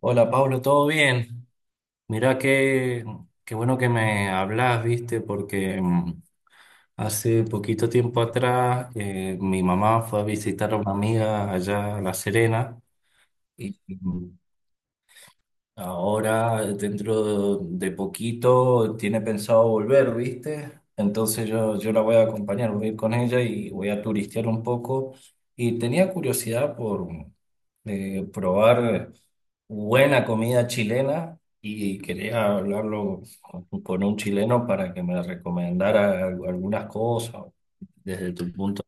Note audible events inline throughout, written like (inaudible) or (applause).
Hola Pablo, ¿todo bien? Mirá qué bueno que me hablas, viste, porque hace poquito tiempo atrás mi mamá fue a visitar a una amiga allá a La Serena y ahora, dentro de poquito, tiene pensado volver, ¿viste? Entonces yo la voy a acompañar, voy a ir con ella y voy a turistear un poco. Y tenía curiosidad por probar buena comida chilena y quería hablarlo con un chileno para que me recomendara algunas cosas desde tu punto.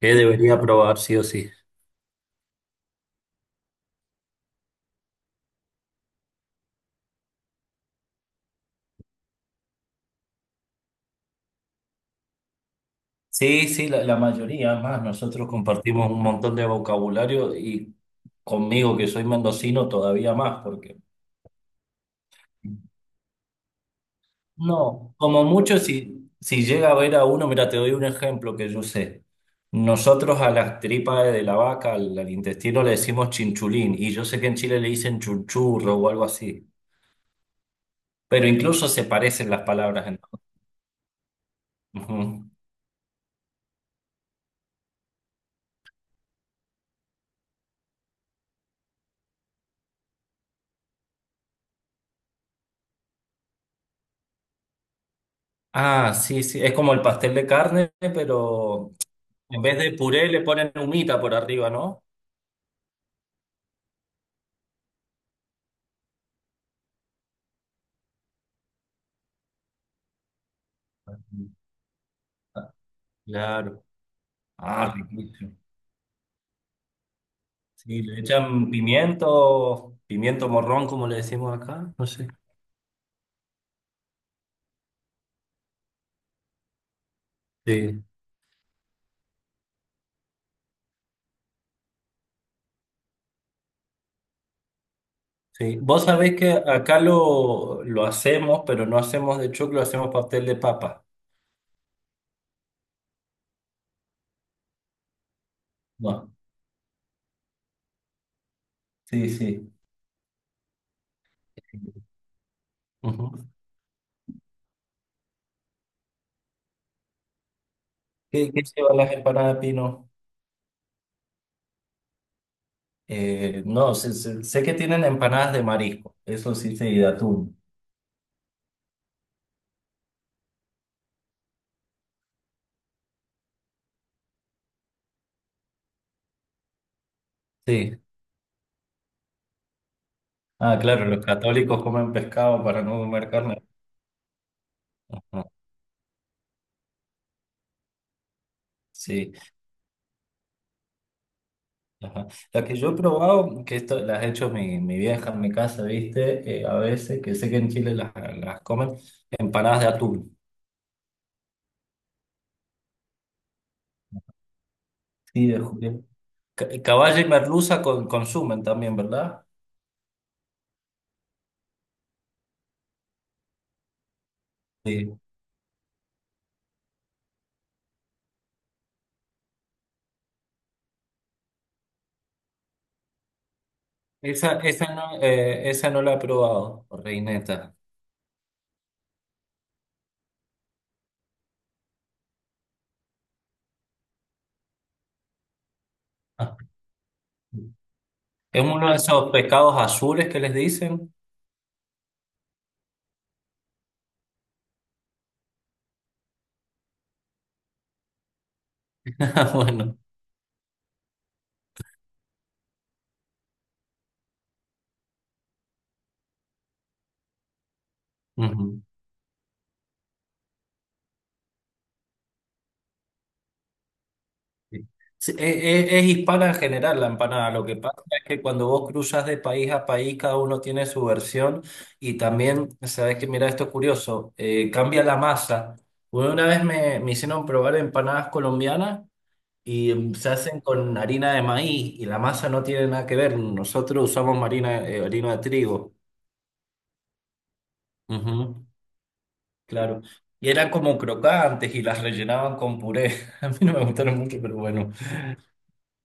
¿Qué debería probar sí o sí? Sí, sí, la mayoría más. Nosotros compartimos un montón de vocabulario y conmigo, que soy mendocino, todavía más, porque no, como mucho, si llega a ver a uno, mira, te doy un ejemplo que yo sé. Nosotros a las tripas de la vaca, al intestino le decimos chinchulín, y yo sé que en Chile le dicen chunchurro o algo así, pero incluso se parecen las palabras. Ujú. Ah, sí, sí, es como el pastel de carne, pero en vez de puré le ponen humita por arriba, ¿no? Claro. Ah, claro. Ah, riquísimo. Sí, le echan pimiento, pimiento morrón, como le decimos acá. No sé. Sí, sí. Vos sabés que acá lo hacemos, pero no hacemos de choclo, hacemos pastel de papa. No. Sí, sí. Ujú. ¿Qué, qué llevan las empanadas de pino? No, sé que tienen empanadas de marisco, eso sí, sí, de atún. Sí. Ah, claro, los católicos comen pescado para no comer carne. Ajá. Sí. Ajá. La que yo he probado, que esto las ha hecho mi vieja en mi casa, ¿viste? A veces, que sé que en Chile las comen, empanadas de atún. Sí, de juguete. Caballa y merluza consumen también, ¿verdad? Sí. Esa, esa no la he probado, reineta. Ah. Es uno de esos pescados azules que les dicen. (laughs) Bueno. Ujú. Sí. Sí, e- Es hispana en general la empanada. Lo que pasa es que cuando vos cruzas de país a país, cada uno tiene su versión y también, sabes que mira esto es curioso, cambia la masa. Bueno, una vez me hicieron probar empanadas colombianas y se hacen con harina de maíz y la masa no tiene nada que ver. Nosotros usamos harina, harina de trigo. Ujú, claro. Y eran como crocantes y las rellenaban con puré. (laughs) A mí no me gustaron mucho, pero bueno.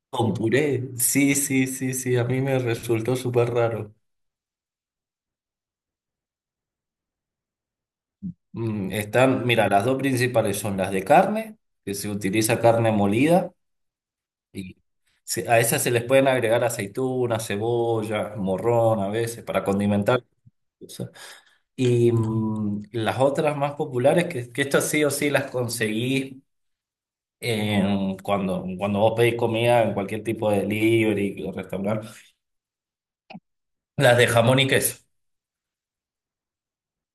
Con puré, sí, sí, sí, sí, a mí me resultó súper raro. Mm, están, mira, las dos principales son las de carne, que se utiliza carne molida, y a esas se les pueden agregar aceitunas, cebolla, morrón a veces, para condimentar. O sea. Y las otras más populares, que estas sí o sí las conseguí cuando, cuando vos pedís comida en cualquier tipo de delivery o restaurante, las de jamón y queso,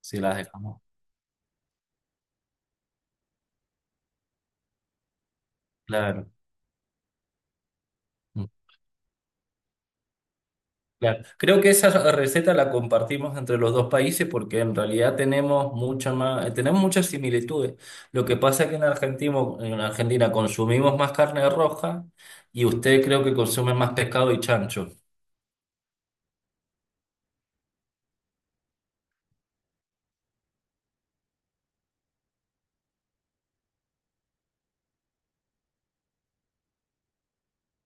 sí, las de jamón, claro. Claro. Creo que esa receta la compartimos entre los dos países porque en realidad tenemos mucha más, tenemos muchas similitudes. Lo que pasa es que en Argentina consumimos más carne roja y usted creo que consume más pescado y chancho.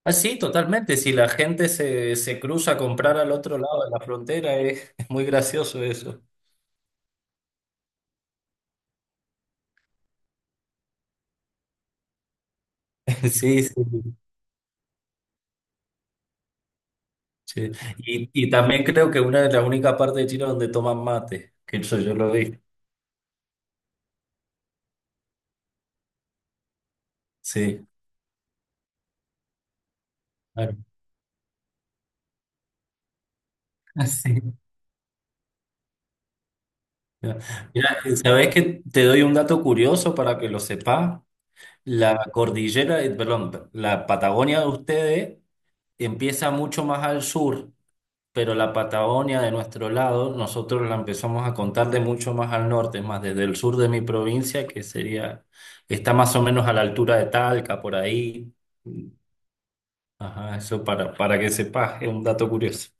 Ah, sí, totalmente. Si la gente se cruza a comprar al otro lado de la frontera, es muy gracioso eso. (laughs) Sí, sí. Sí. Y también creo que una de las únicas partes de China donde toman mate, que eso yo lo vi. Sí, claro. (laughs) Sí. Mira, ¿sabes que te doy un dato curioso para que lo sepas? La cordillera, perdón, la Patagonia de ustedes empieza mucho más al sur, pero la Patagonia de nuestro lado, nosotros la empezamos a contar de mucho más al norte, es más desde el sur de mi provincia, que sería, está más o menos a la altura de Talca, por ahí. Ajá, eso para que sepas, es un dato curioso.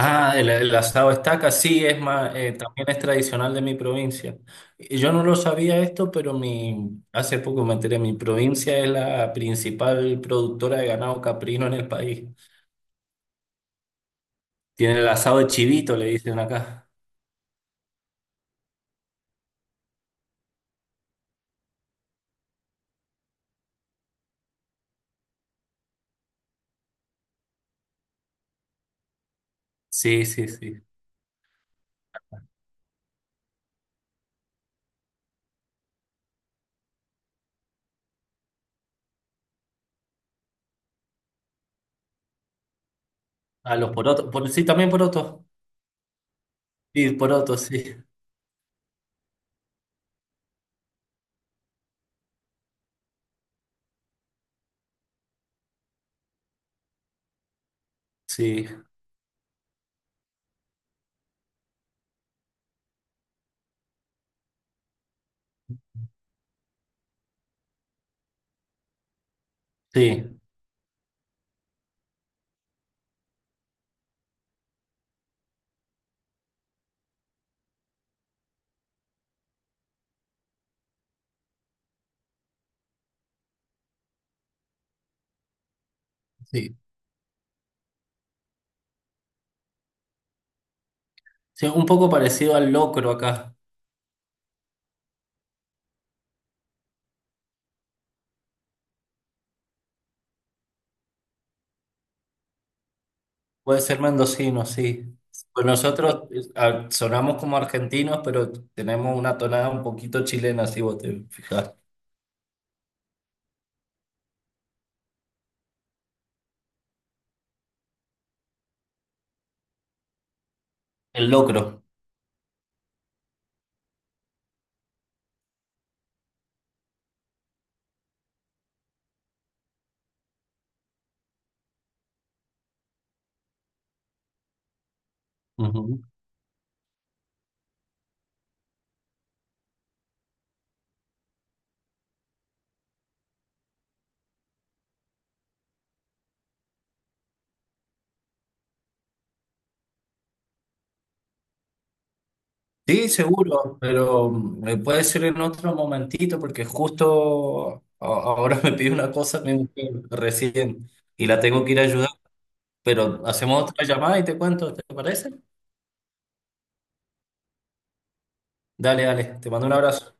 Ah, el asado estaca, sí, es más, también es tradicional de mi provincia. Y yo no lo sabía esto, pero mi, hace poco me enteré, mi provincia es la principal productora de ganado caprino en el país. Tiene el asado de chivito, le dicen acá. Sí, sí, sí. A los porotos, por, sí, también porotos. Sí, porotos, sí, sí, sí, sí. Sí, un poco parecido al locro acá. Puede ser mendocino, sí. Pues nosotros ah, sonamos como argentinos, pero tenemos una tonada un poquito chilena, si vos te fijas. El locro. Ujú. Sí, seguro, pero puede ser en otro momentito, porque justo ahora (laughs) me pide una cosa mi mujer recién y la tengo que ir a ayudar, pero hacemos otra llamada y te cuento, ¿te parece? Dale, dale, te mando un abrazo.